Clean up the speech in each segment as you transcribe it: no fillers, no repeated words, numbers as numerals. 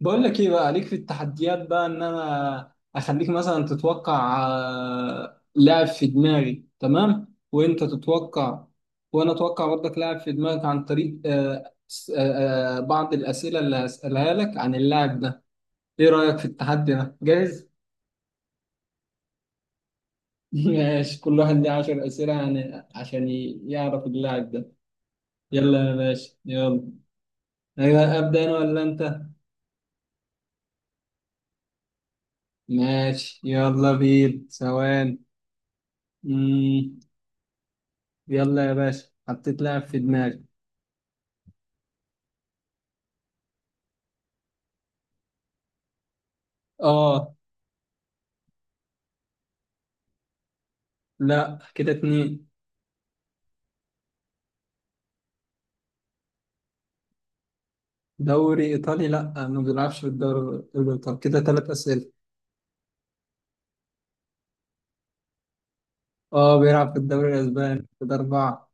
بقول لك ايه بقى؟ عليك في التحديات بقى، ان انا اخليك مثلا تتوقع لاعب في دماغي. تمام، وانت تتوقع وانا اتوقع برضك لاعب في دماغك عن طريق بعض الاسئله اللي هسالها لك عن اللاعب ده. ايه رايك في التحدي ده؟ جاهز؟ ماشي، كل واحد ليه 10 اسئله يعني عشان يعرف اللاعب ده. يلا يا باشا، يلا. أيوة، ابدا انا ولا انت؟ ماشي، يلا بينا. ثواني. يلا يا باشا، حطيت لاعب في دماغي. اه. لا كده 2. دوري ايطالي؟ لا، ما بيلعبش في الدوري الايطالي، كده 3 اسئله. اه، بيلعب في الدوري الاسباني، كده 4.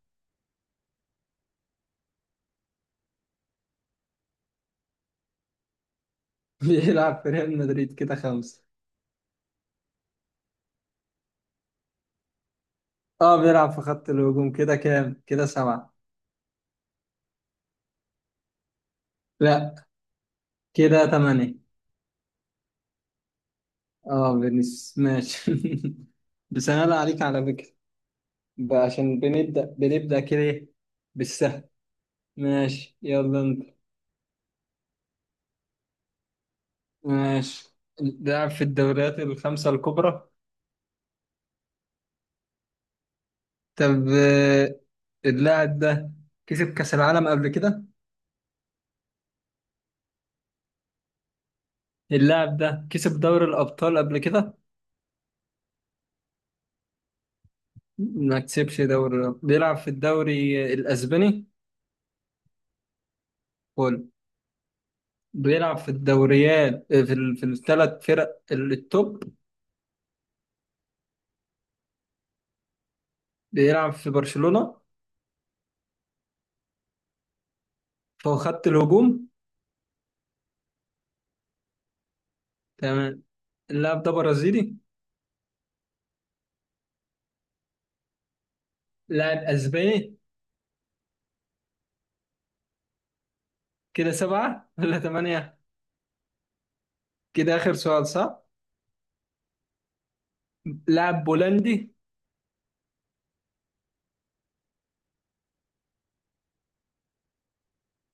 بيلعب في ريال مدريد، كده 5. اه، بيلعب في خط الهجوم، كده كام؟ كده 7. لا، كده 8. اه، فينيسيوس، ماشي. بس انا لا عليك على فكره، بقى عشان بنبدا كده إيه؟ بالسهل. ماشي، يلا انت. ماشي. لعب في الدوريات الخمسة الكبرى. طب اللاعب ده كسب كأس العالم قبل كده؟ اللاعب ده كسب دوري الأبطال قبل كده؟ ما كسبش دوري الأبطال، بيلعب في الدوري الأسباني، فول. بيلعب في الدوريات في الثلاث فرق التوب. بيلعب في برشلونة، فهو خط الهجوم. تمام. اللاعب ده برازيلي؟ لاعب أسباني. كده 7 ولا 8؟ كده آخر سؤال، صح؟ لاعب بولندي؟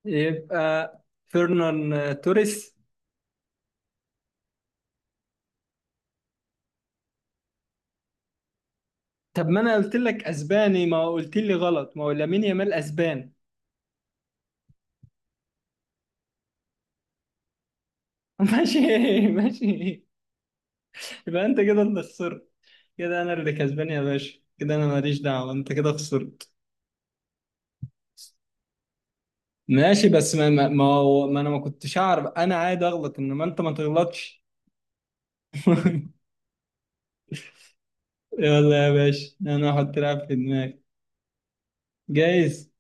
يبقى فيرنان توريس. طب ما انا قلت لك اسباني، ما قلت لي غلط، ما هو لامين يامال اسبان. ماشي، ماشي. يبقى انت كده اللي خسرت. كده انا اللي كسبان يا باشا، كده انا ماليش دعوه، انت كده خسرت. ماشي، بس ما انا ما كنتش اعرف، انا عادي اغلط، انما انت ما تغلطش. يلا يا باشا، انا هحط لاعب في دماغي. جايز.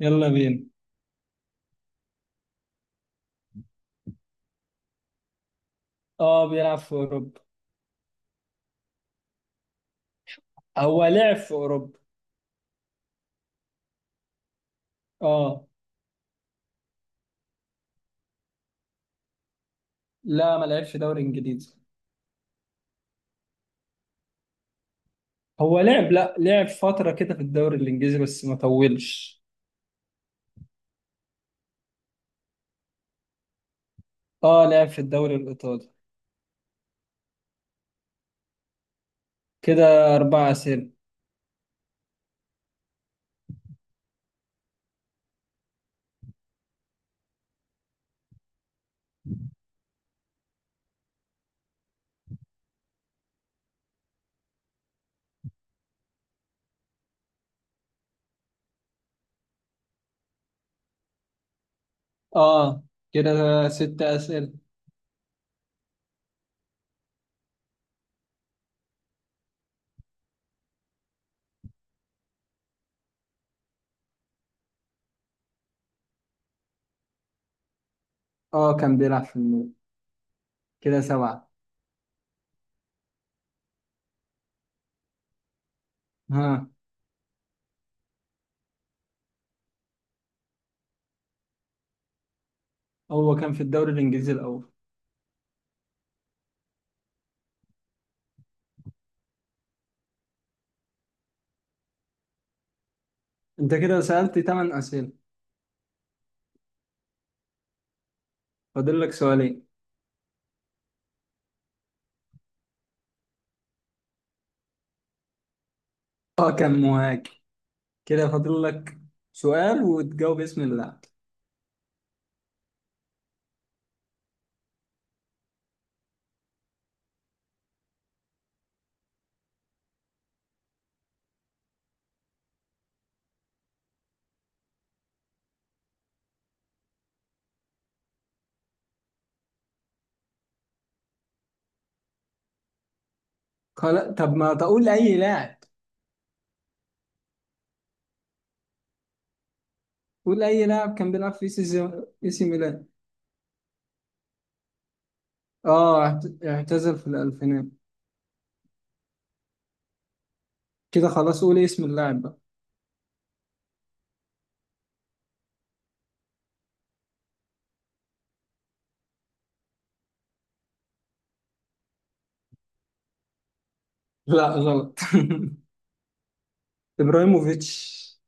يلا بينا. اه، بيلعب في اوروبا. هو لعب في اوروبا. اه. لا، ما لعبش دوري انجليزي. هو لعب، لا، لعب فترة كده في الدوري الإنجليزي بس ما طولش. اه، لعب في الدوري الإيطالي. كده 4 أسئلة. اه، كده 6 أسئلة. اه، كان بيلعب في الميلان. كده 7. ها. هو كان في الدوري الإنجليزي الأول. أنت كده سألت 8 أسئلة، فاضل لك 2. اه، كان مهاجم. كده فاضل لك سؤال وتجاوب اسم اللاعب. خلاص، طب ما تقول أي لاعب. قول أي لاعب كان بيلعب في سي ميلان. اه، اعتزل في الألفينات. كده خلاص، قولي اسم اللاعب بقى. لا غلط. ابراهيموفيتش،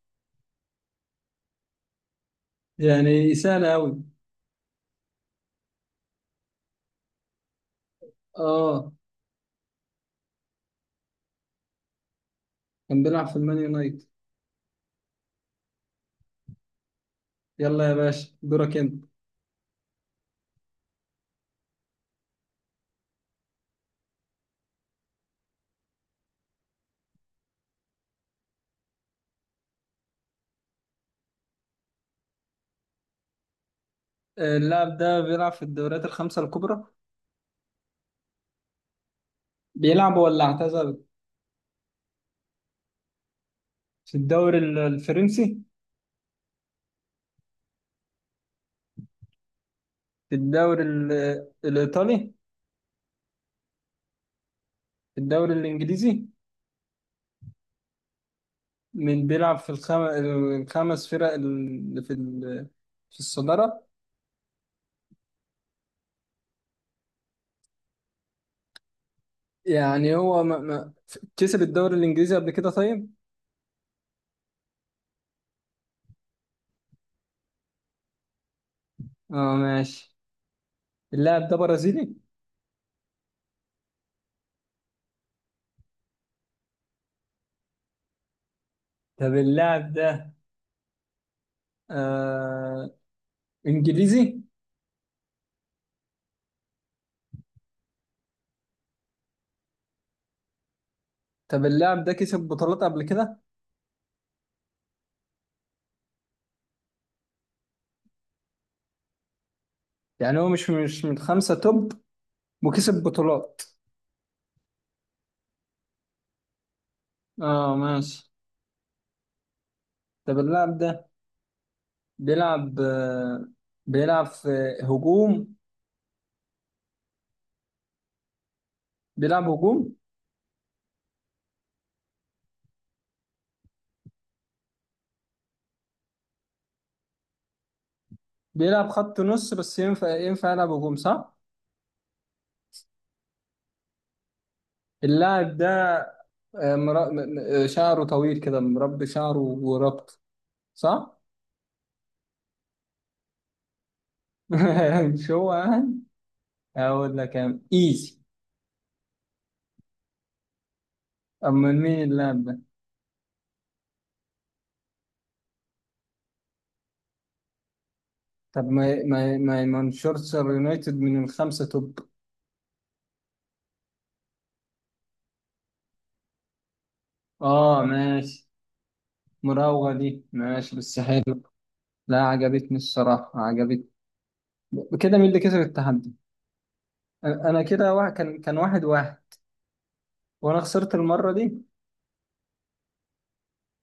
يعني سهلة أوي. اه، كان بيلعب في المان يونايتد. يلا يا باشا، دورك انت. اللاعب ده بيلعب في الدوريات الخمسة الكبرى. بيلعب ولا اعتزل؟ في الدوري الفرنسي. في الدوري الإيطالي. في الدوري الإنجليزي. من بيلعب في الخمس فرق اللي في في الصدارة؟ يعني هو ما... ما... كسب الدوري الإنجليزي قبل كده؟ طيب. اه ماشي. اللاعب ده برازيلي؟ طب اللاعب ده آه انجليزي؟ طب اللاعب ده كسب بطولات قبل كده؟ يعني هو مش من خمسة توب، وكسب بطولات. اه ماشي. طب اللاعب ده بيلعب آه بيلعب في هجوم. بيلعب هجوم. بيلعب خط نص بس ينفع يلعب هجوم، صح؟ اللاعب ده آه مرا... م- م- آه، شعره طويل كده، مربي شعره وربط، صح؟ مش هو يعني. هقول لك. ايزي. أما مين اللاعب ده؟ طب ما ما ما مانشستر يونايتد من الخمسة توب. ماشي، مراوغة دي ماشي بس حلو. لا، عجبتني الصراحة، عجبتني. كده مين اللي كسب التحدي؟ أنا كده واحد، كان 1-1، وأنا خسرت المرة دي.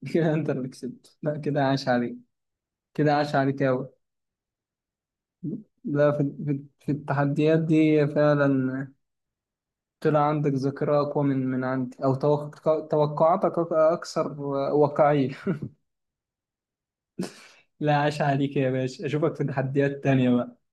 كده أنت اللي كسبت، لا كده عاش عليك. كده عاش عليك أوي. لا، في التحديات دي فعلا. طلع عندك ذاكرة أقوى من عندي، أو توقعاتك أكثر واقعية. لا عاش عليك يا باشا، اشوفك في تحديات تانية بقى.